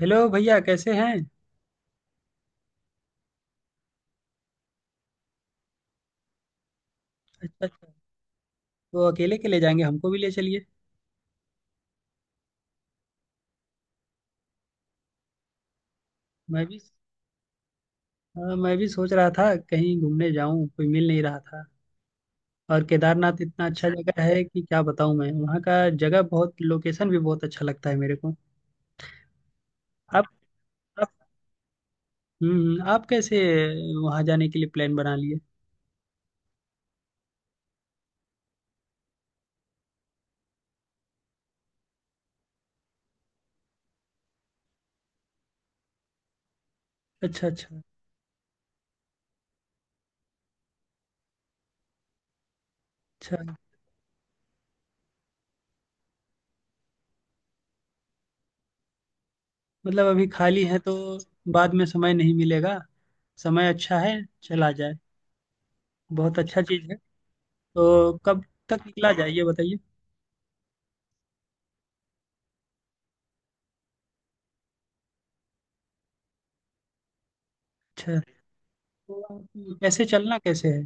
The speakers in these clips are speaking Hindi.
हेलो भैया, कैसे हैं। अच्छा, अच्छा। तो अकेले के ले जाएंगे? हमको भी ले चलिए। मैं भी। हाँ, मैं भी सोच रहा था कहीं घूमने जाऊं, कोई मिल नहीं रहा था। और केदारनाथ इतना अच्छा जगह है कि क्या बताऊं। मैं, वहाँ का जगह बहुत, लोकेशन भी बहुत अच्छा लगता है मेरे को। आप आप। हम्म, हम्म। आप कैसे वहाँ जाने के लिए प्लान बना लिए? अच्छा, अच्छा, अच्छा। मतलब अभी खाली है तो बाद में समय नहीं मिलेगा। समय अच्छा है। चला जाए। बहुत अच्छा चीज़ है। तो कब तक निकला जाए ये बताइए। अच्छा। कैसे चलना कैसे है?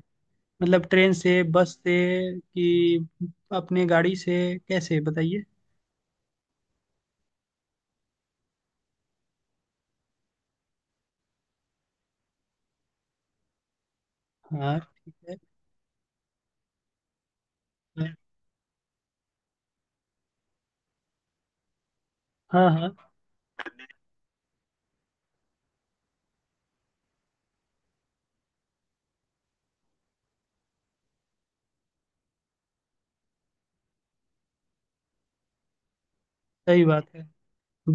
मतलब ट्रेन से, बस से, कि अपने गाड़ी से, कैसे बताइए। हाँ ठीक है। हाँ, हाँ, सही बात है।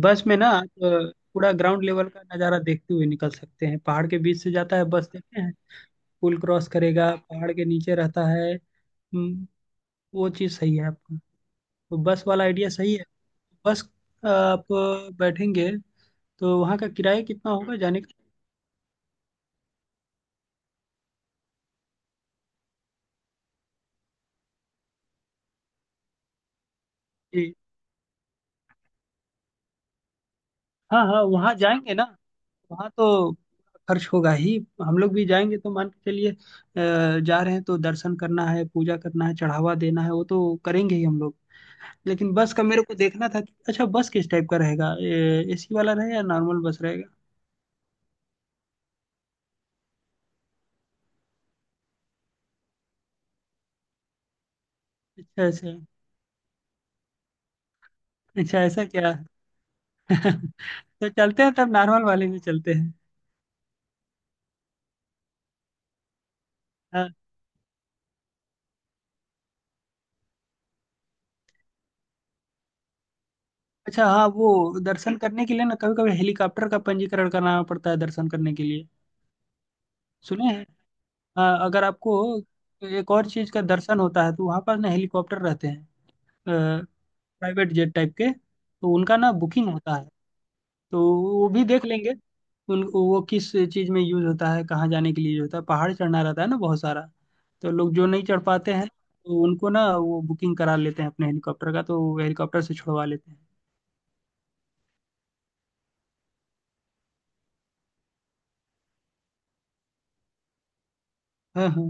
बस में ना, आप पूरा ग्राउंड लेवल का नज़ारा देखते हुए निकल सकते हैं। पहाड़ के बीच से जाता है बस, देखते हैं। पुल क्रॉस करेगा, पहाड़ के नीचे रहता है। हम्म, वो चीज़ सही है आपका। तो बस वाला आइडिया सही है। बस आप बैठेंगे। तो वहाँ का किराया कितना होगा जाने का? जी। हाँ, हाँ, वहाँ जाएंगे ना। वहाँ तो खर्च होगा ही। हम लोग भी जाएंगे तो मान के चलिए जा रहे हैं तो दर्शन करना है, पूजा करना है, चढ़ावा देना है। वो तो करेंगे ही हम लोग। लेकिन बस का मेरे को देखना था कि अच्छा बस किस टाइप का रहेगा। एसी वाला रहेगा या नॉर्मल बस रहेगा? अच्छा, ऐसे? अच्छा, ऐसा क्या। तो चलते हैं, तब नॉर्मल वाले में चलते हैं। हाँ। अच्छा, हाँ, वो दर्शन करने के लिए ना, कभी कभी हेलीकॉप्टर का पंजीकरण कराना पड़ता है दर्शन करने के लिए। सुने हैं। अगर आपको एक और चीज का दर्शन होता है तो वहाँ पर ना हेलीकॉप्टर रहते हैं। प्राइवेट जेट टाइप के, तो उनका ना बुकिंग होता है। तो वो भी देख लेंगे। उन, वो किस चीज में यूज होता है, कहाँ जाने के लिए यूज होता है। पहाड़ चढ़ना रहता है ना बहुत सारा। तो लोग जो नहीं चढ़ पाते हैं तो उनको ना वो बुकिंग करा लेते हैं अपने हेलीकॉप्टर का, तो वो हेलीकॉप्टर से छुड़वा लेते हैं। हाँ, हाँ,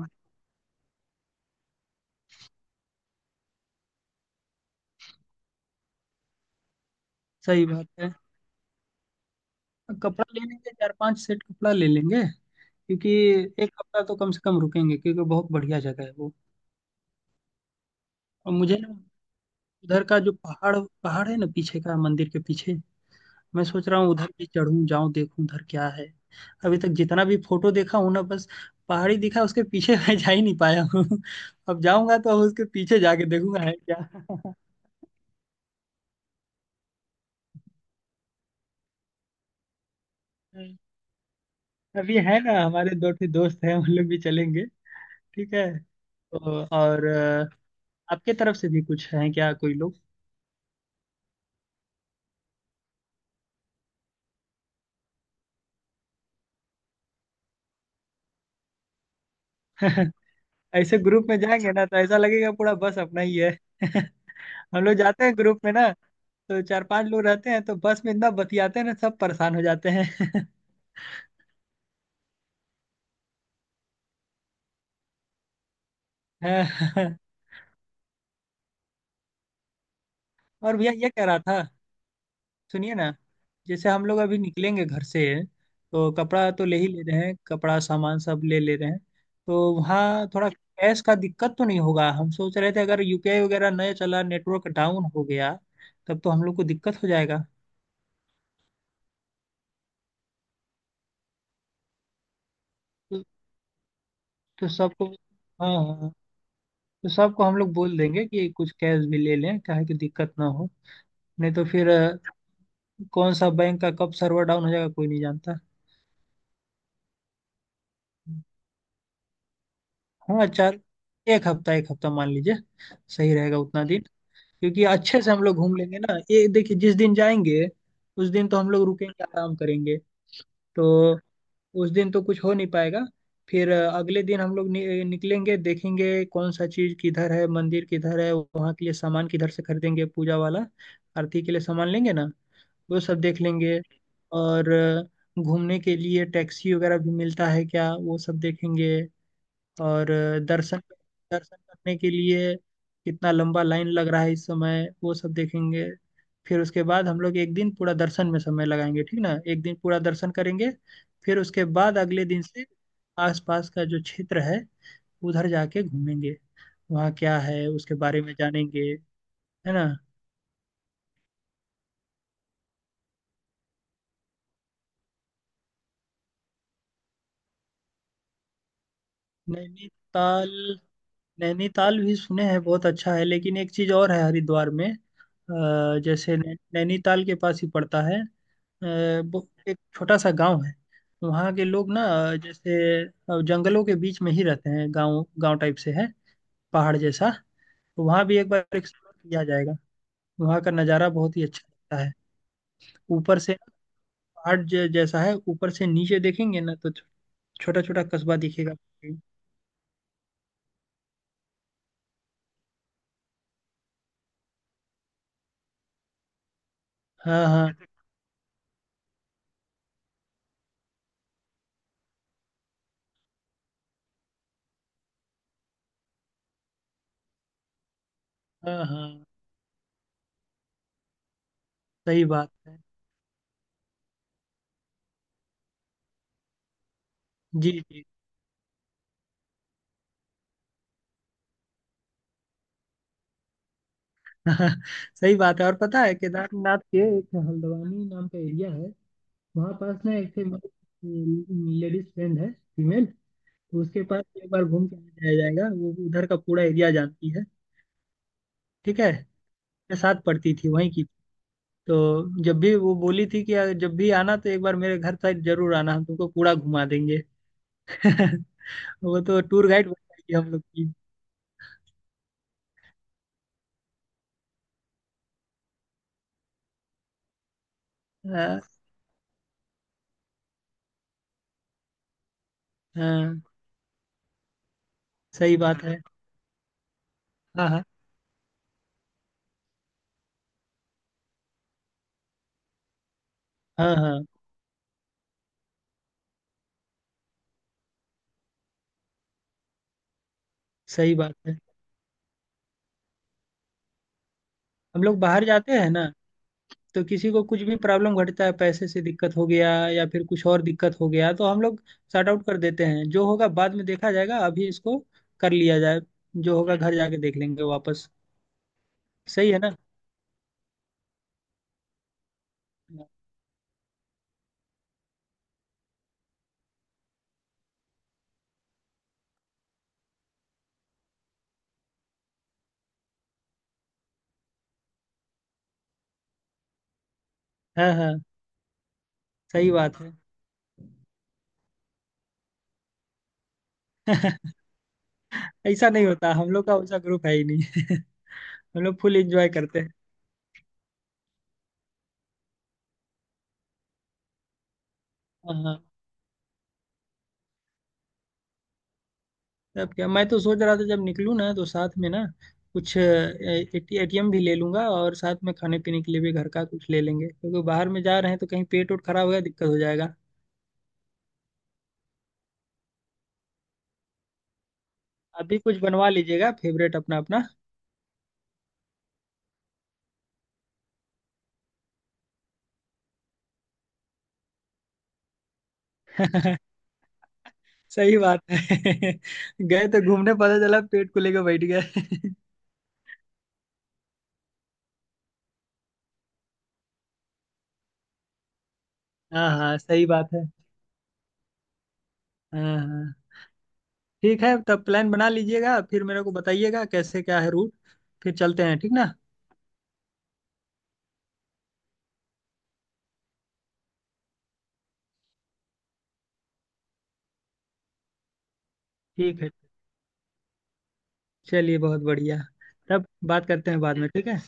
सही बात है। कपड़ा ले लेंगे, चार पांच सेट कपड़ा ले लेंगे, क्योंकि एक हफ्ता तो कम से कम रुकेंगे, क्योंकि बहुत बढ़िया जगह है वो। और मुझे ना, उधर का जो पहाड़, पहाड़ है ना पीछे का, मंदिर के पीछे। मैं सोच रहा हूँ उधर भी चढ़ूं, जाऊं, देखूं उधर क्या है। अभी तक जितना भी फोटो देखा हूं ना, बस पहाड़ी दिखा, उसके पीछे मैं जा ही नहीं पाया हूँ। अब जाऊंगा तो उसके पीछे जाके देखूंगा है क्या। अभी है ना, हमारे दो ठे दोस्त हैं, उन लोग भी चलेंगे। ठीक है। तो और आपके तरफ से भी कुछ है क्या? कोई लोग? ऐसे ग्रुप में जाएंगे ना तो ऐसा लगेगा पूरा बस अपना ही है। हम लोग जाते हैं ग्रुप में ना, तो चार पांच लोग रहते हैं तो बस में इतना बतियाते हैं ना, सब परेशान हो जाते हैं। हाँ। और भैया, ये कह रहा था, सुनिए ना। जैसे हम लोग अभी निकलेंगे घर से, तो कपड़ा तो ले ही ले रहे हैं, कपड़ा सामान सब ले ले रहे हैं। तो वहाँ थोड़ा कैश का दिक्कत तो नहीं होगा, हम सोच रहे थे अगर यूपीआई वगैरह नहीं चला, नेटवर्क डाउन हो गया, तब तो हम लोग को दिक्कत हो जाएगा। तो, तो सबको हाँ हाँ, हाँ, तो सबको हम लोग बोल देंगे कि कुछ कैश भी ले लें काहे कि दिक्कत ना हो। नहीं तो फिर कौन सा बैंक का कब सर्वर डाउन हो जाएगा कोई नहीं जानता। हाँ चार एक हफ्ता, एक हफ्ता मान लीजिए। सही रहेगा उतना दिन। क्योंकि अच्छे से हम लोग घूम लेंगे ना। ये देखिए, जिस दिन जाएंगे उस दिन तो हम लोग रुकेंगे, आराम करेंगे। तो उस दिन तो कुछ हो नहीं पाएगा। फिर अगले दिन हम लोग निकलेंगे, देखेंगे कौन सा चीज किधर है, मंदिर किधर है, वहाँ के लिए सामान किधर से खरीदेंगे पूजा वाला। आरती के लिए सामान लेंगे ना, वो सब देख लेंगे। और घूमने के लिए टैक्सी वगैरह भी मिलता है क्या, वो सब देखेंगे। और दर्शन दर्शन करने के लिए कितना लंबा लाइन लग रहा है इस समय, वो सब देखेंगे। फिर उसके बाद हम लोग एक दिन पूरा दर्शन में समय लगाएंगे, ठीक ना, एक दिन पूरा दर्शन करेंगे। फिर उसके बाद अगले दिन से आसपास का जो क्षेत्र है, उधर जाके घूमेंगे। वहाँ क्या है उसके बारे में जानेंगे, है ना। नैनीताल। नैनीताल भी सुने हैं बहुत अच्छा है। लेकिन एक चीज और है हरिद्वार में, जैसे नैनीताल के पास ही पड़ता है। वो एक छोटा सा गांव है। वहाँ के लोग ना जैसे जंगलों के बीच में ही रहते हैं, गांव गांव टाइप से है, पहाड़ जैसा। तो वहाँ भी एक बार एक्सप्लोर किया जाएगा। वहाँ का नज़ारा बहुत ही अच्छा लगता है। ऊपर से ना, पहाड़ जैसा है, ऊपर से नीचे देखेंगे ना तो छोटा छोटा कस्बा दिखेगा। हाँ, हाँ, हाँ, हाँ, सही बात है। जी, जी। हाँ, सही बात है। और पता है केदारनाथ के एक हल्द्वानी नाम का एरिया है, वहाँ पास ना एक लेडीज फ्रेंड है, फीमेल। तो उसके पास एक बार घूम के आ जाया जाएगा, वो उधर का पूरा एरिया जानती है। ठीक है। मेरे साथ पढ़ती थी, वहीं की। तो जब भी वो बोली थी कि अगर जब भी आना तो एक बार मेरे घर तक जरूर आना, हम तुमको पूरा घुमा देंगे। वो तो टूर गाइड बन जाएगी हम लोग की। हाँ, हाँ, सही बात है। हाँ, हाँ, हाँ, हाँ, सही बात है। हम लोग बाहर जाते हैं ना, तो किसी को कुछ भी प्रॉब्लम घटता है, पैसे से दिक्कत हो गया या फिर कुछ और दिक्कत हो गया, तो हम लोग सॉर्ट आउट कर देते हैं। जो होगा बाद में देखा जाएगा, अभी इसको कर लिया जाए। जो होगा घर जाके देख लेंगे वापस। सही है ना? हाँ, हाँ, सही बात है। ऐसा नहीं होता, हम लोग का वैसा ग्रुप है ही नहीं। हम लोग फुल एंजॉय करते हैं। हाँ, हाँ। तब क्या, मैं तो सोच रहा था जब निकलूँ ना तो साथ में ना कुछ एटीएम भी ले लूंगा, और साथ में खाने पीने के लिए भी घर का कुछ ले लेंगे, क्योंकि बाहर में जा रहे हैं तो कहीं पेट वोट खराब हो गया दिक्कत हो जाएगा। अभी कुछ बनवा लीजिएगा, फेवरेट अपना अपना। सही बात है। गए तो घूमने, पता चला पेट को लेकर बैठ गए। हाँ, हाँ, सही बात है। हाँ, हाँ, ठीक है। तब प्लान बना लीजिएगा, फिर मेरे को बताइएगा कैसे क्या है रूट। फिर चलते हैं, ठीक ना? ठीक है, चलिए, बहुत बढ़िया। तब बात करते हैं बाद में, ठीक है।